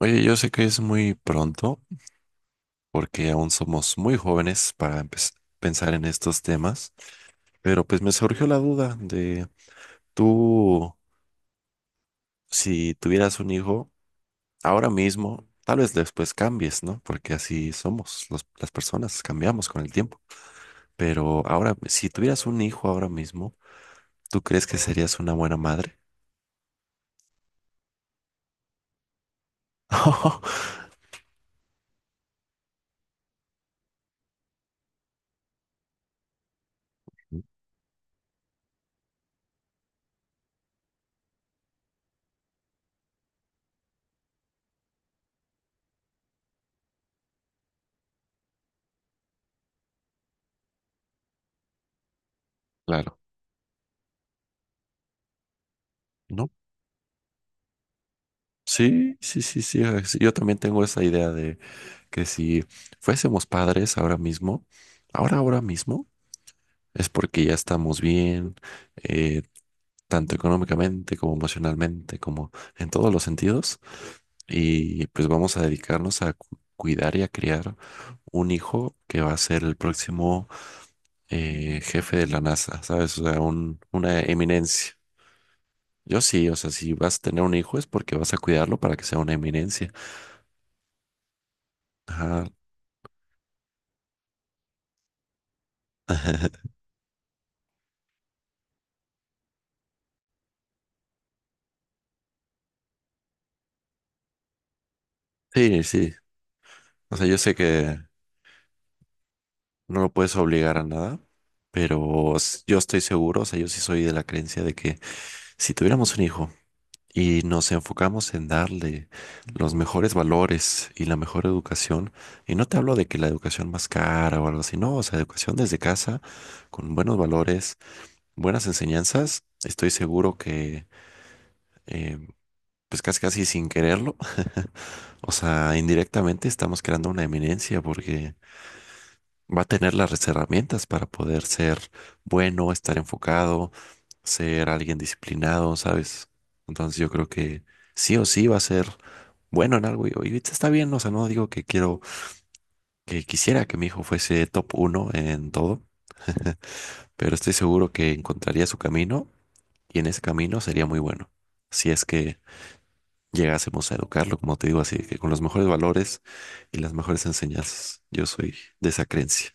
Oye, yo sé que es muy pronto porque aún somos muy jóvenes para pensar en estos temas, pero pues me surgió la duda de tú, si tuvieras un hijo ahora mismo, tal vez después cambies, ¿no? Porque así somos las personas, cambiamos con el tiempo. Pero ahora, si tuvieras un hijo ahora mismo, ¿tú crees que serías una buena madre? Claro, ¿no? Sí, sí, sí, sí. Yo también tengo esa idea de que si fuésemos padres ahora mismo, ahora mismo, es porque ya estamos bien, eh, tanto económicamente como emocionalmente, como en todos los sentidos, y pues vamos a dedicarnos a cuidar y a criar un hijo que va a ser el próximo jefe de la NASA, ¿sabes? O sea, una eminencia. Yo sí, o sea, si vas a tener un hijo es porque vas a cuidarlo para que sea una eminencia. Ajá. Sí, sí. O sea, yo sé que no lo puedes obligar a nada, pero yo estoy seguro, o sea, yo sí soy de la creencia de que si tuviéramos un hijo y nos enfocamos en darle los mejores valores y la mejor educación, y no te hablo de que la educación más cara o algo así, no, o sea, educación desde casa, con buenos valores, buenas enseñanzas, estoy seguro que eh, pues casi casi sin quererlo, o sea, indirectamente estamos creando una eminencia porque va a tener las herramientas para poder ser bueno, estar enfocado, ser alguien disciplinado, ¿sabes? Entonces yo creo que sí o sí va a ser bueno en algo y está bien, o sea, no digo que quiero, que quisiera que mi hijo fuese top uno en todo, pero estoy seguro que encontraría su camino y en ese camino sería muy bueno. Si es que llegásemos a educarlo, como te digo, así que con los mejores valores y las mejores enseñanzas. Yo soy de esa creencia.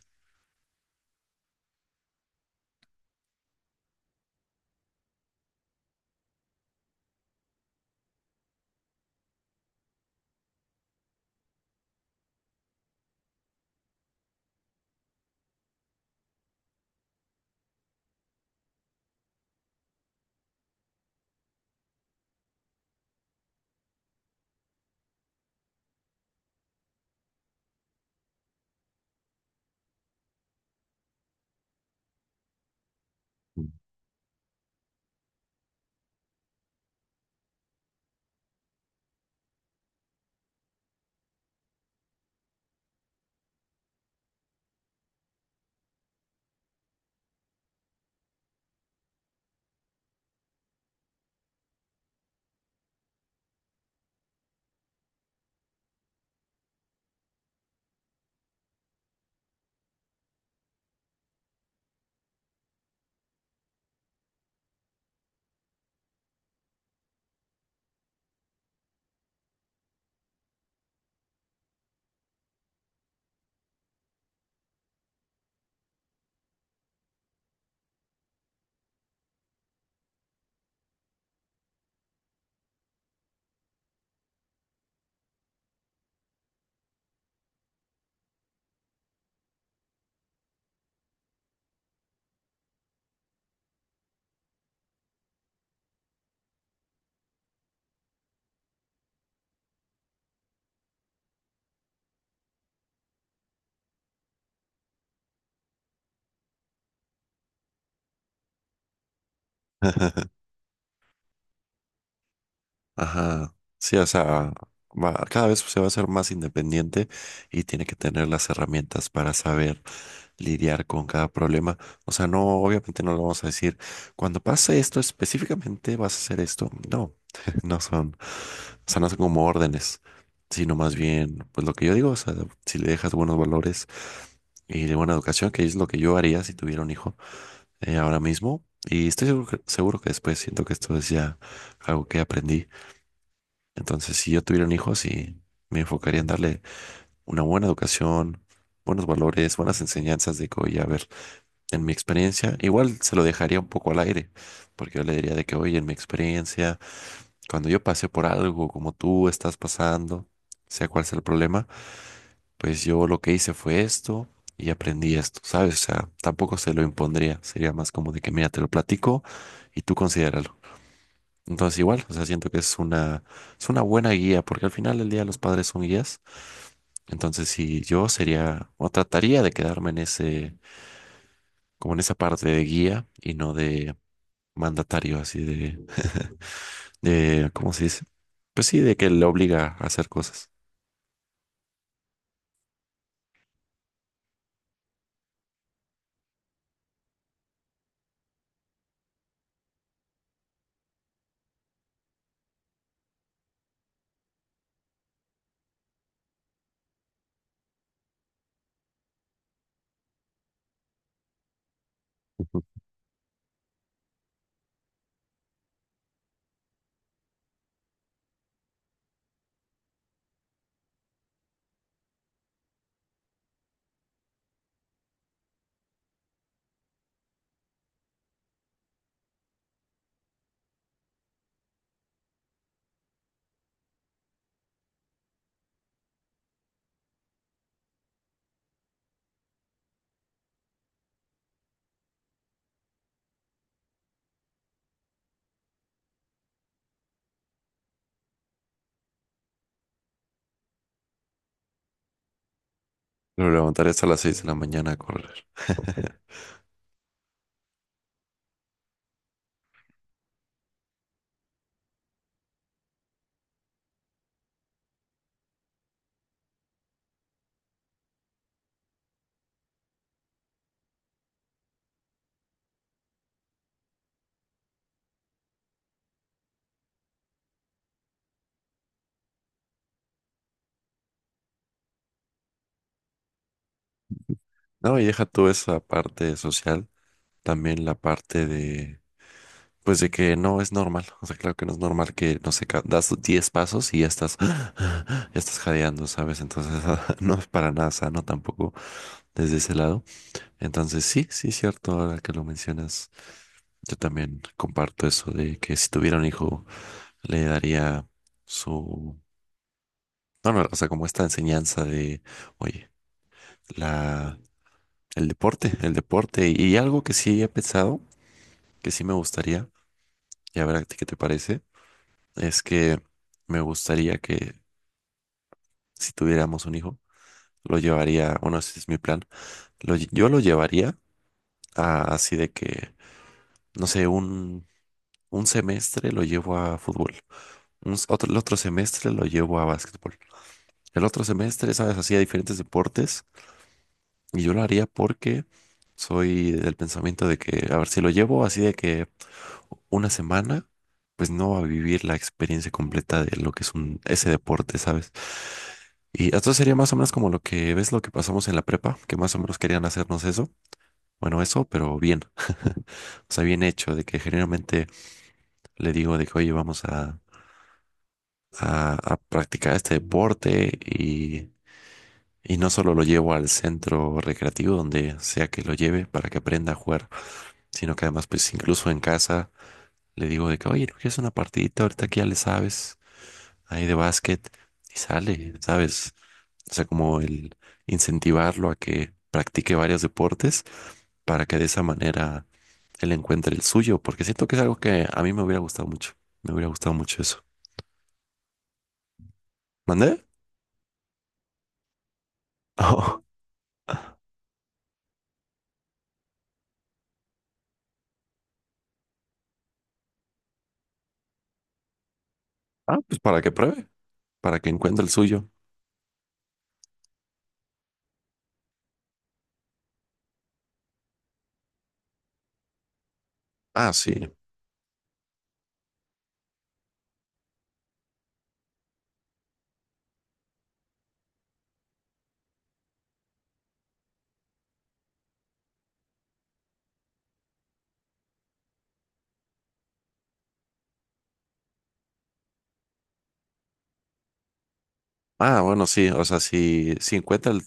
Ajá, sí, o sea, cada vez se va a ser más independiente y tiene que tener las herramientas para saber lidiar con cada problema. O sea, no, obviamente no lo vamos a decir, cuando pase esto específicamente vas a hacer esto. No, no son, o sea, no son como órdenes, sino más bien, pues lo que yo digo, o sea, si le dejas buenos valores y de buena educación, que es lo que yo haría si tuviera un hijo, ahora mismo. Y estoy seguro que después siento que esto es ya algo que aprendí. Entonces, si yo tuviera un hijo, sí, me enfocaría en darle una buena educación, buenos valores, buenas enseñanzas de que, oye, a ver, en mi experiencia, igual se lo dejaría un poco al aire, porque yo le diría de que, oye, en mi experiencia, cuando yo pasé por algo como tú estás pasando, sea cual sea el problema, pues yo lo que hice fue esto y aprendí esto, ¿sabes? O sea, tampoco se lo impondría, sería más como de que, mira, te lo platico y tú considéralo. Entonces igual, o sea, siento que es una buena guía, porque al final del día los padres son guías. Entonces si yo sería, o trataría de quedarme en ese, como en esa parte de guía y no de mandatario, así de, de, ¿cómo se dice? Pues sí, de que le obliga a hacer cosas. Ujú. Lo levantaré hasta las 6 de la mañana a correr. No, y deja tú esa parte social, también la parte de, pues de que no es normal, o sea, claro que no es normal que, no sé, das 10 pasos y ya estás, ya estás jadeando, ¿sabes? Entonces, no es para nada sano tampoco desde ese lado. Entonces, sí, sí, cierto, ahora que lo mencionas, yo también comparto eso de que si tuviera un hijo, le daría su, no, no, o sea, como esta enseñanza de, oye, la, el deporte y algo que sí he pensado, que sí me gustaría, y a ver a ti qué te parece, es que me gustaría que si tuviéramos un hijo, lo llevaría, bueno, ese es mi plan, yo lo llevaría a, así de que, no sé, un semestre lo llevo a fútbol, otro, el otro semestre lo llevo a básquetbol, el otro semestre, sabes, así a diferentes deportes, y yo lo haría porque soy del pensamiento de que, a ver, si lo llevo así de que una semana, pues no va a vivir la experiencia completa de lo que es ese deporte, ¿sabes? Y entonces sería más o menos como lo que ves, lo que pasamos en la prepa, que más o menos querían hacernos eso. Bueno, eso, pero bien. O sea, bien hecho, de que generalmente le digo de que, oye, vamos a practicar este deporte, y no solo lo llevo al centro recreativo donde sea que lo lleve para que aprenda a jugar, sino que además, pues incluso en casa le digo de que, oye, ¿no quieres una partidita? Ahorita que ya le sabes ahí de básquet y sale, ¿sabes? O sea, como el incentivarlo a que practique varios deportes para que de esa manera él encuentre el suyo, porque siento que es algo que a mí me hubiera gustado mucho. Me hubiera gustado mucho eso. ¿Mandé? Ah, pues para que pruebe, para que encuentre el suyo. Ah, sí. Ah, bueno, sí, o sea, si encuentra el.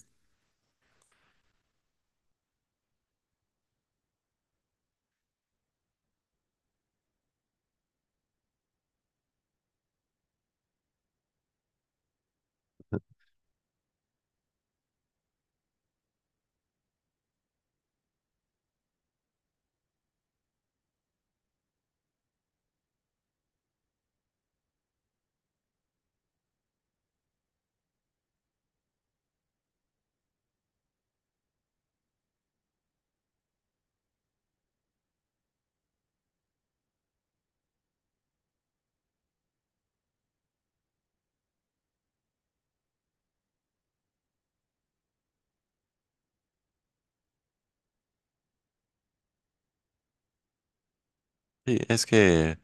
Sí, es que,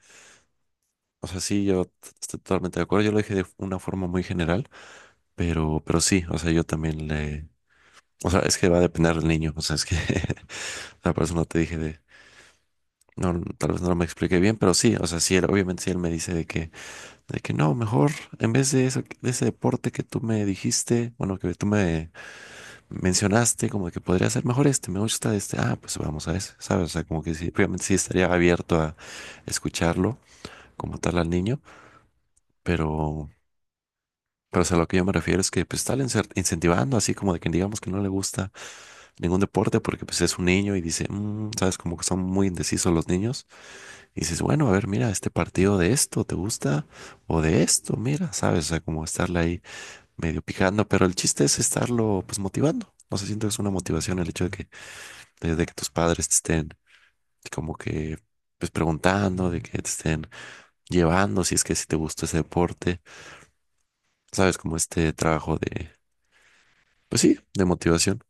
o sea, sí, yo estoy totalmente de acuerdo. Yo lo dije de una forma muy general, pero sí, o sea, yo también le, o sea, es que va a depender del niño. O sea, es que la persona te dije de. No, tal vez no me expliqué bien, pero sí, o sea, sí, él, obviamente sí él me dice de que, no, mejor en vez de eso, de ese deporte que tú me dijiste, bueno, que tú me mencionaste, como que podría ser mejor este, me gusta este, ah, pues vamos a ese, ¿sabes? O sea, como que sí, obviamente sí estaría abierto a escucharlo como tal al niño, pero, pero o sea, lo que yo me refiero es que pues tal incentivando, así como de que digamos que no le gusta ningún deporte porque pues es un niño y dice, "Mm", sabes, como que son muy indecisos los niños. Y dices, bueno, a ver, mira, este partido de esto, ¿te gusta? O de esto, mira, sabes, o sea, como estarle ahí medio picando, pero el chiste es estarlo pues motivando. No sé, siento que es una motivación el hecho de que desde que tus padres te estén como que pues preguntando, de que te estén llevando, si es que si te gusta ese deporte, sabes, como este trabajo de, pues sí, de motivación.